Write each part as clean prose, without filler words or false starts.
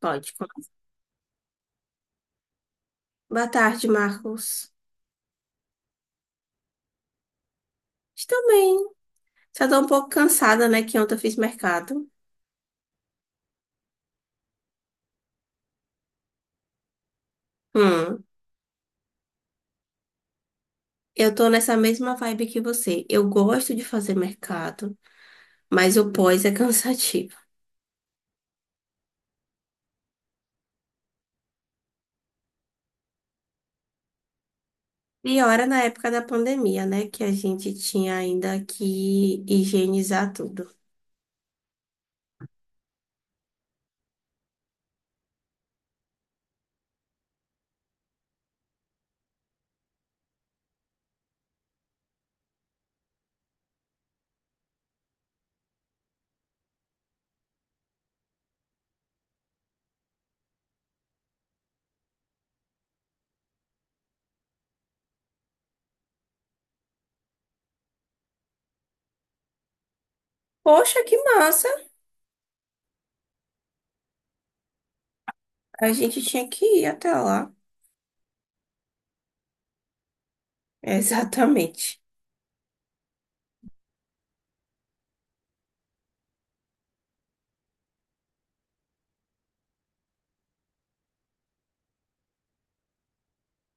Pode, Boa tarde, Marcos. Estou bem. Só tô um pouco cansada, né? Que ontem eu fiz mercado. Hum, eu tô nessa mesma vibe que você. Eu gosto de fazer mercado, mas o pós é cansativo. E ora na época da pandemia, né? Que a gente tinha ainda que higienizar tudo. Poxa, que massa! A gente tinha que ir até lá. Exatamente.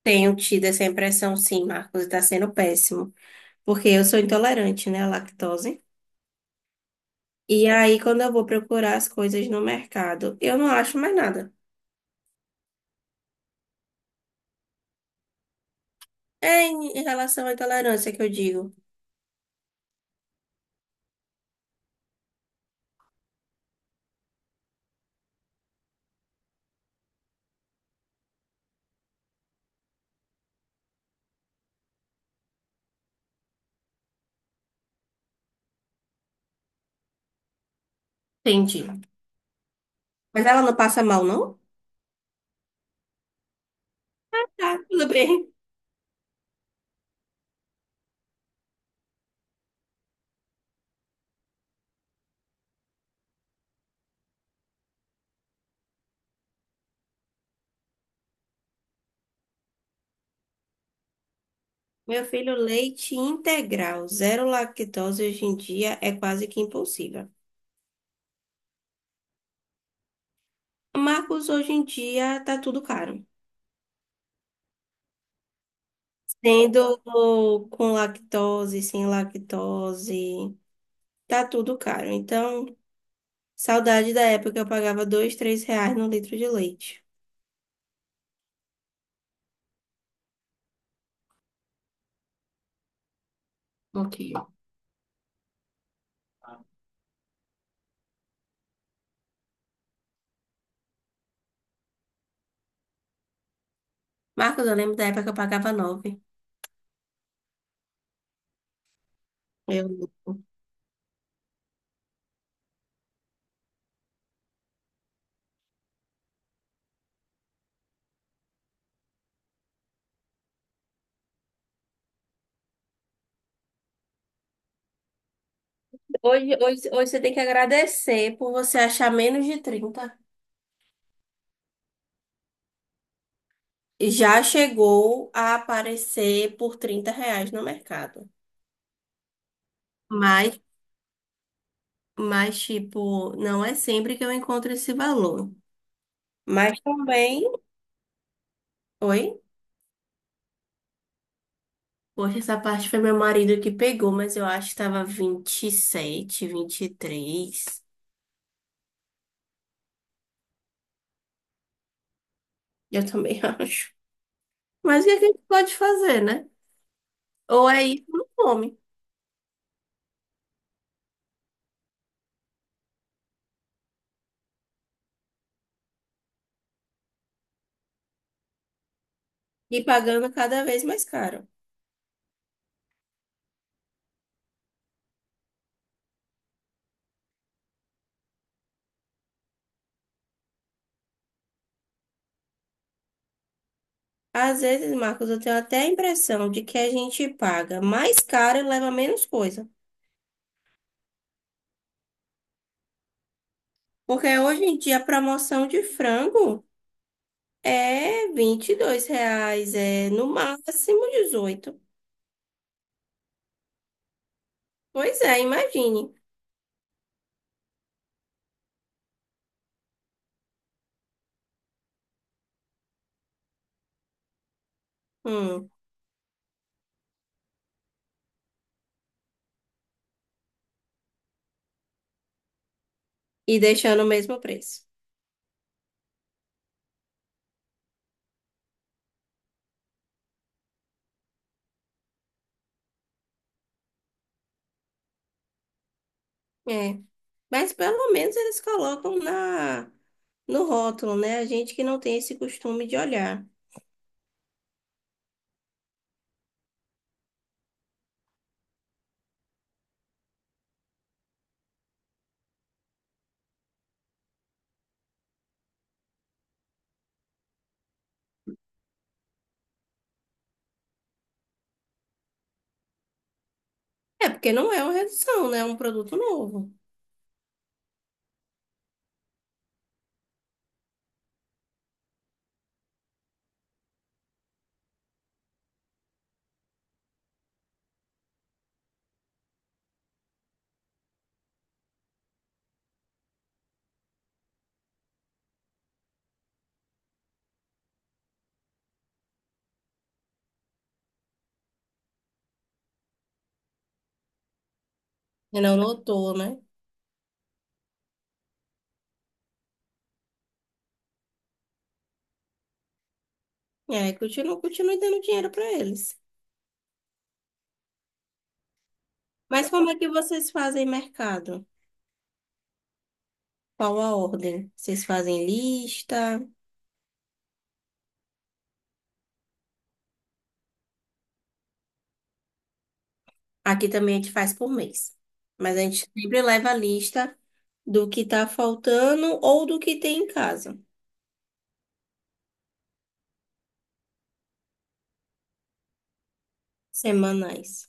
Tenho tido essa impressão, sim, Marcos, está sendo péssimo. Porque eu sou intolerante, né, à lactose. E aí, quando eu vou procurar as coisas no mercado, eu não acho mais nada. É em relação à intolerância que eu digo. Entendi. Mas ela não passa mal, não? Tá, tudo bem. Meu filho, leite integral, zero lactose hoje em dia é quase que impossível. Marcos, hoje em dia tá tudo caro. Sendo com lactose, sem lactose, tá tudo caro. Então, saudade da época que eu pagava dois, três reais no litro de leite. Ok. Marcos, eu lembro da época que eu pagava nove. Eu... Hoje, hoje, hoje você tem que agradecer por você achar menos de 30. Já chegou a aparecer por R$ 30 no mercado. Mas, mas, tipo, não é sempre que eu encontro esse valor. Mas também. Oi? Poxa, essa parte foi meu marido que pegou, mas eu acho que tava 27, 23. Eu também acho. Mas o que é que a gente pode fazer, né? Ou é isso, ou não come. E pagando cada vez mais caro. Às vezes, Marcos, eu tenho até a impressão de que a gente paga mais caro e leva menos coisa. Porque hoje em dia a promoção de frango é R$ 22, é no máximo 18. Pois é, imagine. Hum, e deixando o mesmo preço. É. Mas pelo menos eles colocam no rótulo, né? A gente que não tem esse costume de olhar. É porque não é uma redução, né? É um produto novo. E não notou, né? É, continua, continua dando dinheiro para eles. Mas como é que vocês fazem mercado? Qual a ordem? Vocês fazem lista? Aqui também a gente faz por mês. Mas a gente sempre leva a lista do que tá faltando ou do que tem em casa, semanais,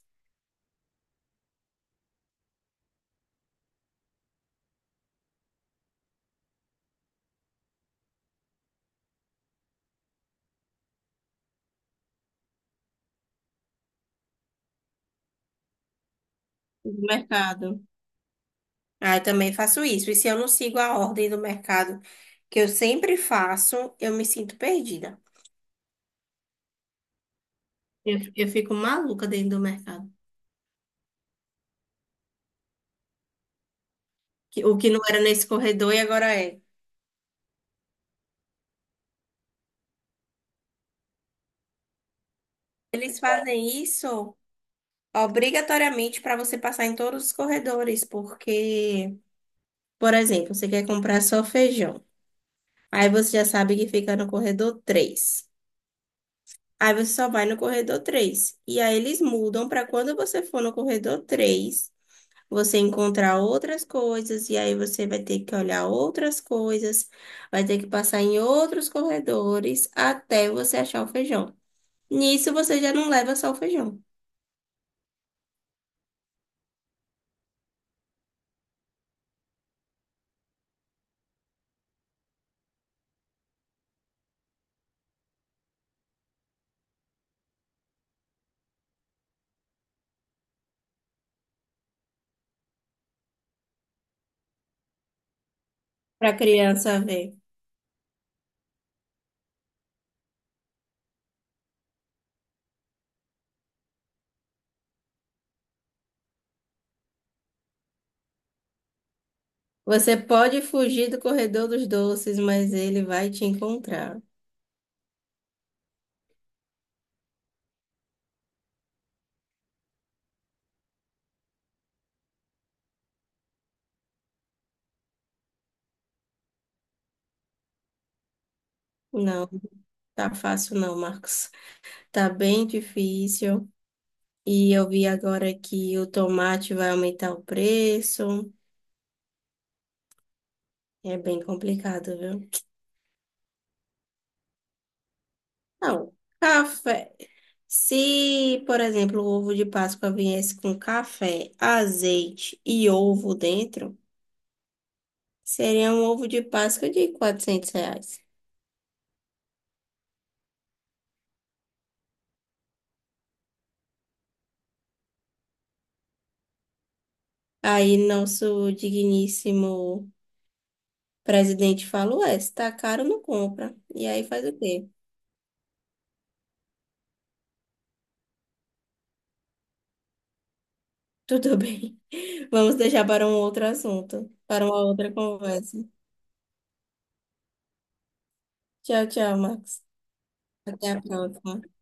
do mercado. Ah, eu também faço isso. E se eu não sigo a ordem do mercado, que eu sempre faço, eu me sinto perdida. Eu fico maluca dentro do mercado. O que não era nesse corredor e agora é. Eles fazem isso obrigatoriamente para você passar em todos os corredores, porque, por exemplo, você quer comprar só feijão. Aí você já sabe que fica no corredor 3. Aí você só vai no corredor 3. E aí eles mudam para quando você for no corredor 3 você encontrar outras coisas e aí você vai ter que olhar outras coisas, vai ter que passar em outros corredores até você achar o feijão. Nisso você já não leva só o feijão para criança ver. Você pode fugir do corredor dos doces, mas ele vai te encontrar. Não, tá fácil não, Marcos. Tá bem difícil. E eu vi agora que o tomate vai aumentar o preço. É bem complicado, viu? Não, café. Se, por exemplo, o ovo de Páscoa viesse com café, azeite e ovo dentro, seria um ovo de Páscoa de R$ 400. Aí, nosso digníssimo. O presidente falou, é, se tá caro, não compra. E aí faz o quê? Tudo bem. Vamos deixar para um outro assunto, para uma outra conversa. Tchau, tchau, Max. Até a próxima.